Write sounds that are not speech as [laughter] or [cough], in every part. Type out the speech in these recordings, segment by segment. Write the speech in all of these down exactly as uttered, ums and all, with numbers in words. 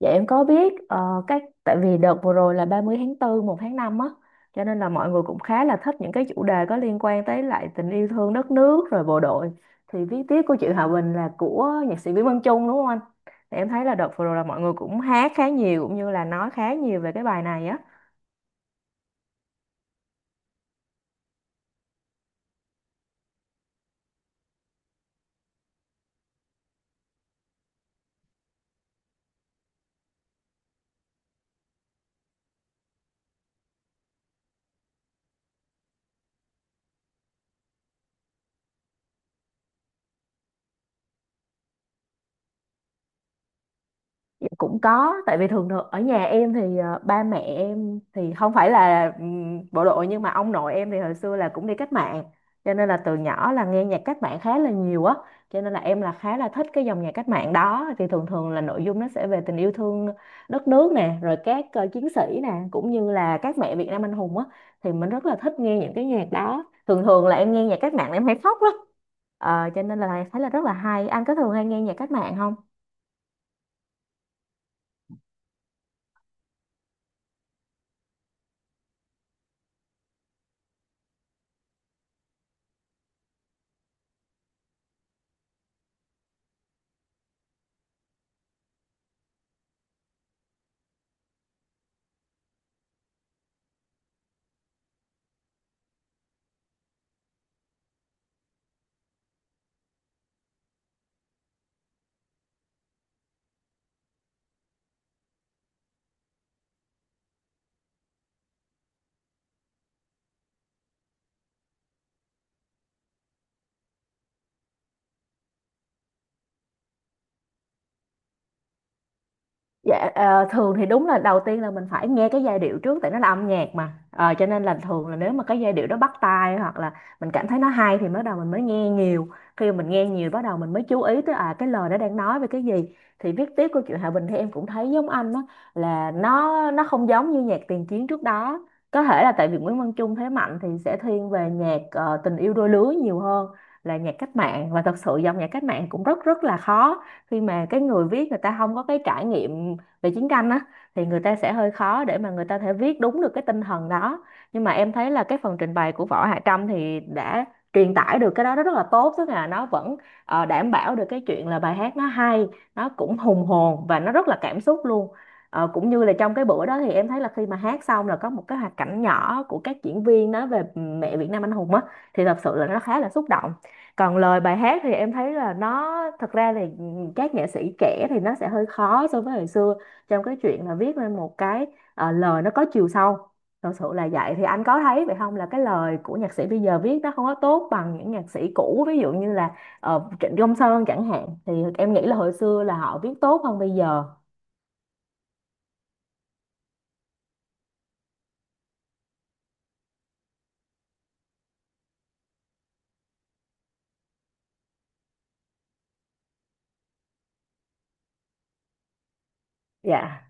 Dạ em có biết, ờ, các tại vì đợt vừa rồi là ba mươi tháng tư, một tháng năm á, cho nên là mọi người cũng khá là thích những cái chủ đề có liên quan tới lại tình yêu thương đất nước rồi bộ đội. Thì viết tiếp của chị Hòa Bình là của nhạc sĩ Nguyễn Văn Chung đúng không anh? Thì em thấy là đợt vừa rồi là mọi người cũng hát khá nhiều cũng như là nói khá nhiều về cái bài này á. Dạ, cũng có, tại vì thường thường ở nhà em thì ờ, ba mẹ em thì không phải là ừm, bộ đội, nhưng mà ông nội em thì hồi xưa là cũng đi cách mạng, cho nên là từ nhỏ là nghe nhạc cách mạng khá là nhiều á, cho nên là em là khá là thích cái dòng nhạc cách mạng đó. Thì thường thường là nội dung nó sẽ về tình yêu thương đất nước nè, rồi các ờ, chiến sĩ nè, cũng như là các mẹ Việt Nam anh hùng á, thì mình rất là thích nghe những cái nhạc đó. Thường thường là em nghe nhạc cách mạng là em hay khóc lắm. Ờ, cho nên là thấy là rất là hay. Anh có thường hay nghe nhạc cách mạng không? Dạ, ờ, thường thì đúng là đầu tiên là mình phải nghe cái giai điệu trước, tại nó là âm nhạc mà. Ờ, cho nên là thường là nếu mà cái giai điệu đó bắt tai, hoặc là mình cảm thấy nó hay, thì bắt đầu mình mới nghe nhiều. Khi mà mình nghe nhiều bắt đầu mình mới chú ý tới, à, cái lời nó đang nói về cái gì. Thì viết tiếp câu chuyện Hòa Bình thì em cũng thấy giống anh đó, là nó nó không giống như nhạc tiền chiến trước đó. Có thể là tại vì Nguyễn Văn Chung thế mạnh thì sẽ thiên về nhạc ờ, tình yêu đôi lứa nhiều hơn là nhạc cách mạng. Và thật sự dòng nhạc cách mạng cũng rất rất là khó, khi mà cái người viết người ta không có cái trải nghiệm về chiến tranh á, thì người ta sẽ hơi khó để mà người ta thể viết đúng được cái tinh thần đó. Nhưng mà em thấy là cái phần trình bày của Võ Hạ Trâm thì đã truyền tải được cái đó rất là tốt, tức là nó vẫn ờ, đảm bảo được cái chuyện là bài hát nó hay, nó cũng hùng hồn và nó rất là cảm xúc luôn. Ờ, cũng như là trong cái bữa đó thì em thấy là khi mà hát xong là có một cái hoạt cảnh nhỏ của các diễn viên nói về mẹ Việt Nam anh hùng á, thì thật sự là nó khá là xúc động. Còn lời bài hát thì em thấy là nó, thật ra thì các nghệ sĩ trẻ thì nó sẽ hơi khó so với hồi xưa trong cái chuyện là viết lên một cái ờ, lời nó có chiều sâu. Thật sự là vậy, thì anh có thấy vậy không, là cái lời của nhạc sĩ bây giờ viết nó không có tốt bằng những nhạc sĩ cũ, ví dụ như là ờ, Trịnh Công Sơn chẳng hạn? Thì em nghĩ là hồi xưa là họ viết tốt hơn bây giờ. Dạ.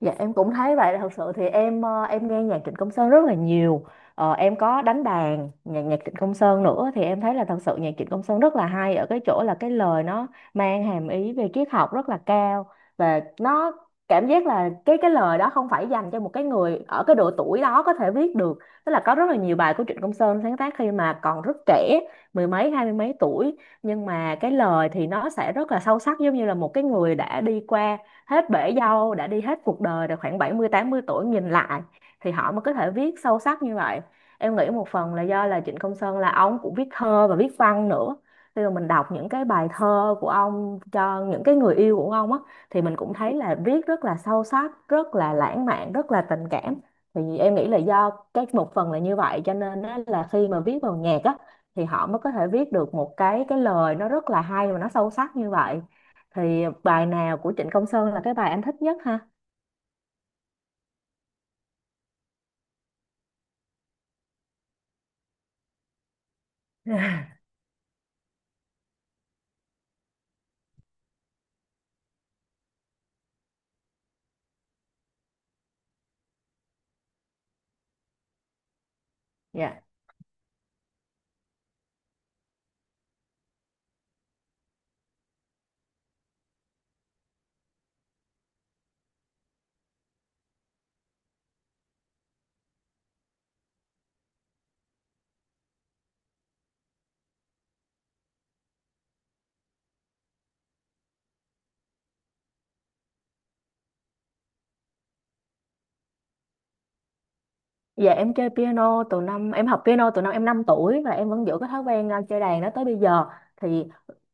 Dạ em cũng thấy vậy. Thật sự thì em, ờ, em nghe nhạc Trịnh Công Sơn rất là nhiều, ờ, em có đánh đàn nhạc nhạc Trịnh Công Sơn nữa, thì em thấy là thật sự nhạc Trịnh Công Sơn rất là hay ở cái chỗ là cái lời nó mang hàm ý về triết học rất là cao. Và nó cảm giác là cái cái lời đó không phải dành cho một cái người ở cái độ tuổi đó có thể viết được. Tức là có rất là nhiều bài của Trịnh Công Sơn sáng tác khi mà còn rất trẻ, mười mấy hai mươi mấy tuổi, nhưng mà cái lời thì nó sẽ rất là sâu sắc, giống như là một cái người đã đi qua hết bể dâu, đã đi hết cuộc đời rồi, khoảng bảy mươi tám mươi tuổi nhìn lại thì họ mới có thể viết sâu sắc như vậy. Em nghĩ một phần là do là Trịnh Công Sơn là ông cũng viết thơ và viết văn nữa. Khi mà mình đọc những cái bài thơ của ông cho những cái người yêu của ông á, thì mình cũng thấy là viết rất là sâu sắc, rất là lãng mạn, rất là tình cảm. Thì em nghĩ là do cái một phần là như vậy, cho nên á, là khi mà viết vào nhạc á, thì họ mới có thể viết được một cái cái lời nó rất là hay và nó sâu sắc như vậy. Thì ờ, bài nào của Trịnh Công Sơn là cái bài anh thích nhất ha? [laughs] Dạ. Dạ em chơi piano từ năm em học piano từ năm em năm tuổi, và em vẫn giữ cái thói quen, à, chơi đàn đó tới bây giờ. Thì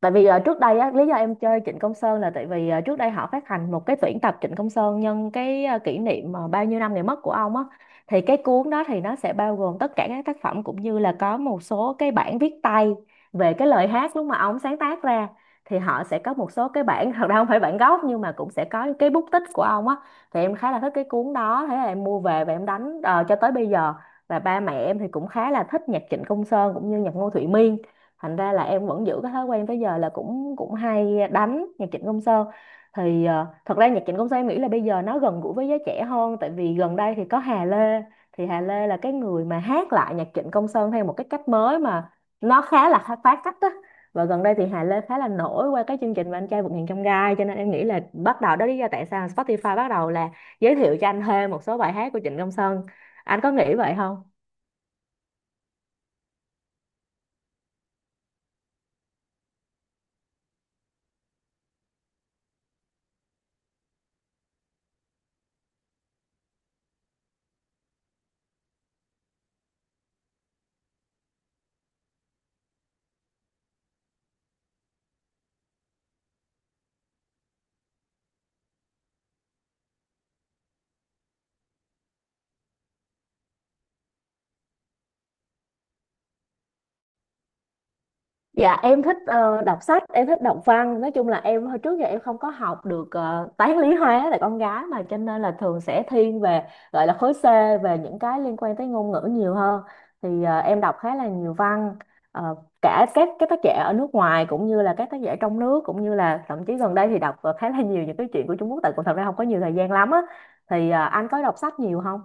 tại vì, à, trước đây á, lý do em chơi Trịnh Công Sơn là tại vì, à, trước đây họ phát hành một cái tuyển tập Trịnh Công Sơn nhân cái, à, kỷ niệm mà bao nhiêu năm ngày mất của ông á. Thì cái cuốn đó thì nó sẽ bao gồm tất cả các tác phẩm, cũng như là có một số cái bản viết tay về cái lời hát lúc mà ông sáng tác ra. Thì họ sẽ có một số cái bản [laughs] thật ra không phải bản gốc, nhưng mà cũng sẽ có cái bút tích của ông á. Thì em khá là thích cái cuốn đó, thế là em mua về và em đánh, ờ, cho tới bây giờ. Và ba mẹ em thì cũng khá là thích nhạc Trịnh Công Sơn cũng như nhạc Ngô Thụy Miên, thành ra là em vẫn giữ cái thói quen tới giờ là cũng cũng hay đánh nhạc Trịnh Công Sơn. Thì ờ, thật ra nhạc Trịnh Công Sơn em nghĩ là bây giờ nó gần gũi với giới trẻ hơn, tại vì gần đây thì có Hà Lê. Thì Hà Lê là cái người mà hát lại nhạc Trịnh Công Sơn theo một cái cách mới mà nó khá là phá cách á. Và gần đây thì Hà Lê khá là nổi qua cái chương trình mà Anh Trai Vượt Ngàn Chông Gai, cho nên em nghĩ là bắt đầu đó lý do tại sao Spotify bắt đầu là giới thiệu cho anh thêm một số bài hát của Trịnh Công Sơn. Anh có nghĩ vậy không? Dạ em thích, ờ, đọc sách, em thích đọc văn. Nói chung là em hồi trước giờ em không có học được, ờ, toán lý hóa, là con gái mà, cho nên là thường sẽ thiên về, gọi là khối C, về những cái liên quan tới ngôn ngữ nhiều hơn. Thì ờ, em đọc khá là nhiều văn. Ờ, cả các các tác giả ở nước ngoài cũng như là các tác giả trong nước, cũng như là thậm chí gần đây thì đọc, ờ, khá là nhiều những cái chuyện của Trung Quốc, tại cũng thật ra không có nhiều thời gian lắm á. Thì ờ, anh có đọc sách nhiều không?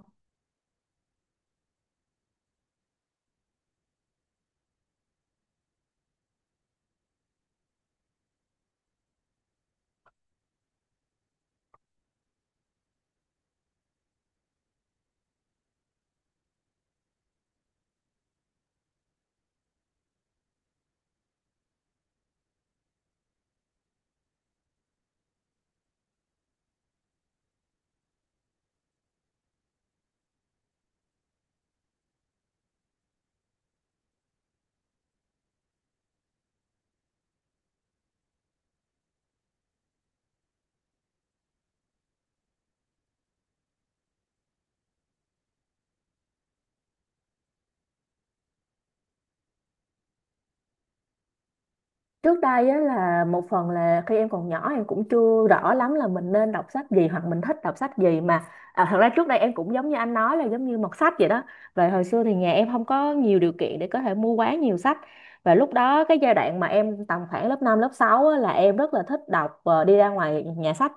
Trước đây á, là một phần là khi em còn nhỏ em cũng chưa rõ lắm là mình nên đọc sách gì hoặc mình thích đọc sách gì mà, à, thật ra trước đây em cũng giống như anh nói là giống như mọt sách vậy đó. Và hồi xưa thì nhà em không có nhiều điều kiện để có thể mua quá nhiều sách. Và lúc đó cái giai đoạn mà em tầm khoảng lớp năm lớp sáu á, là em rất là thích đọc, ờ, đi ra ngoài nhà sách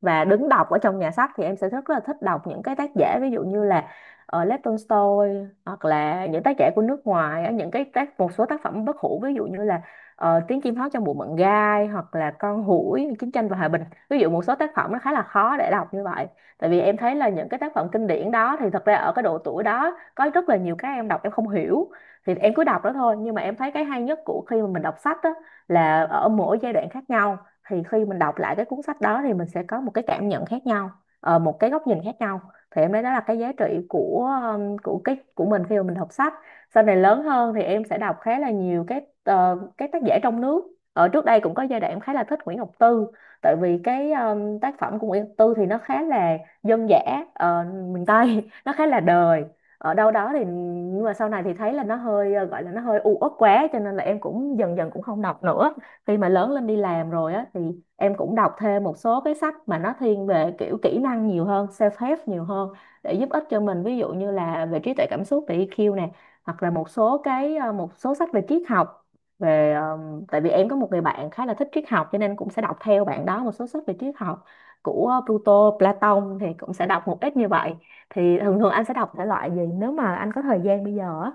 và đứng đọc ở trong nhà sách. Thì em sẽ rất là thích đọc những cái tác giả ví dụ như là ở Lev Tolstoy, hoặc là những tác giả của nước ngoài á, những cái tác, một số tác phẩm bất hủ ví dụ như là ờ, Tiếng Chim Hót Trong Bụi Mận Gai, hoặc là Con Hủi, Chiến Tranh Và Hòa Bình, ví dụ một số tác phẩm nó khá là khó để đọc như vậy. Tại vì em thấy là những cái tác phẩm kinh điển đó thì thật ra ở cái độ tuổi đó có rất là nhiều cái em đọc em không hiểu, thì em cứ đọc đó thôi. Nhưng mà em thấy cái hay nhất của khi mà mình đọc sách đó là ở mỗi giai đoạn khác nhau, thì khi mình đọc lại cái cuốn sách đó thì mình sẽ có một cái cảm nhận khác nhau, ờ, một cái góc nhìn khác nhau. Thì em thấy đó là cái giá trị của um, của cái của mình khi mà mình đọc sách. Sau này lớn hơn thì em sẽ đọc khá là nhiều các, ờ, các tác giả trong nước. Ở trước đây cũng có giai đoạn em khá là thích Nguyễn Ngọc Tư, tại vì cái um, tác phẩm của Nguyễn Ngọc Tư thì nó khá là dân dã, ờ, miền Tây [laughs] nó khá là đời ở đâu đó thì. Nhưng mà sau này thì thấy là nó hơi, ờ, gọi là nó hơi u uất quá, cho nên là em cũng dần dần cũng không đọc nữa. Khi mà lớn lên đi làm rồi á, thì em cũng đọc thêm một số cái sách mà nó thiên về kiểu kỹ năng nhiều hơn, self help nhiều hơn, để giúp ích cho mình, ví dụ như là về trí tuệ cảm xúc, về e kiu nè, hoặc là một số cái, ờ, một số sách về triết học, về ờ, tại vì em có một người bạn khá là thích triết học cho nên cũng sẽ đọc theo bạn đó một số sách về triết học, của Pluto, Platon, thì cũng sẽ đọc một ít như vậy. Thì thường thường anh sẽ đọc thể loại gì nếu mà anh có thời gian bây giờ á?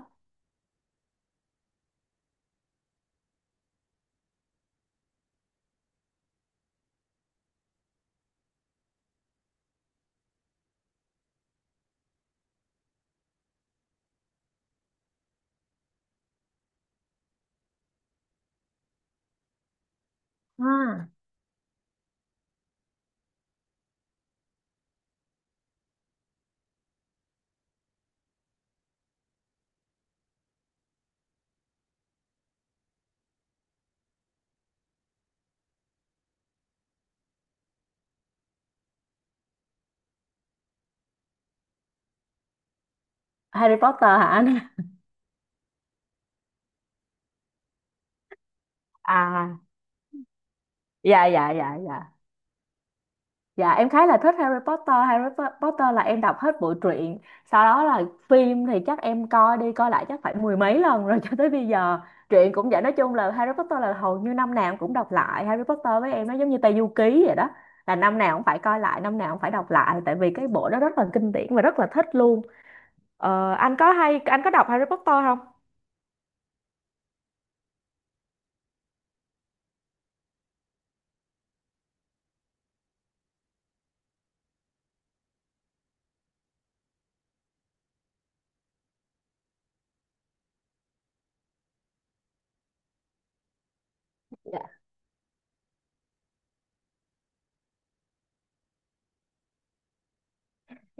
À. Harry Potter hả anh? [laughs] À dạ, dạ, dạ, dạ. Dạ em khá là thích Harry Potter. Harry Po- Potter là em đọc hết bộ truyện. Sau đó là phim thì chắc em coi đi coi lại chắc phải mười mấy lần rồi [laughs] cho tới bây giờ. Truyện cũng vậy, nói chung là Harry Potter là hầu như năm nào em cũng đọc lại. Harry Potter với em nó giống như Tây Du Ký vậy đó, là năm nào cũng phải coi lại, năm nào cũng phải đọc lại. Tại vì cái bộ đó rất là kinh điển và rất là thích luôn. Ờ, anh có hay, anh có đọc Harry Potter không?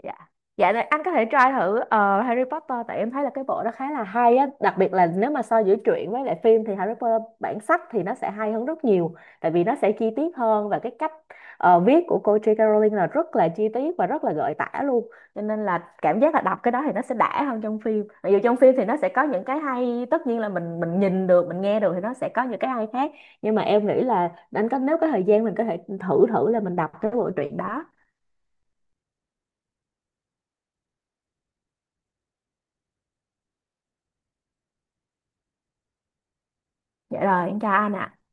Dạ, dạ này, anh có thể try thử, ờ, Harry Potter, tại em thấy là cái bộ đó khá là hay á, đặc biệt là nếu mà so giữa truyện với lại phim thì Harry Potter bản sách thì nó sẽ hay hơn rất nhiều. Tại vì nó sẽ chi tiết hơn, và cái cách, ờ, viết của cô gi chấm ca chấm. Rowling là rất là chi tiết và rất là gợi tả luôn, cho nên là cảm giác là đọc cái đó thì nó sẽ đã hơn trong phim. Mặc dù trong phim thì nó sẽ có những cái hay, tất nhiên là mình mình nhìn được mình nghe được thì nó sẽ có những cái hay khác, nhưng mà em nghĩ là anh có, nếu có thời gian mình có thể thử thử là mình đọc cái bộ truyện đó. Dạ rồi em chào anh ạ.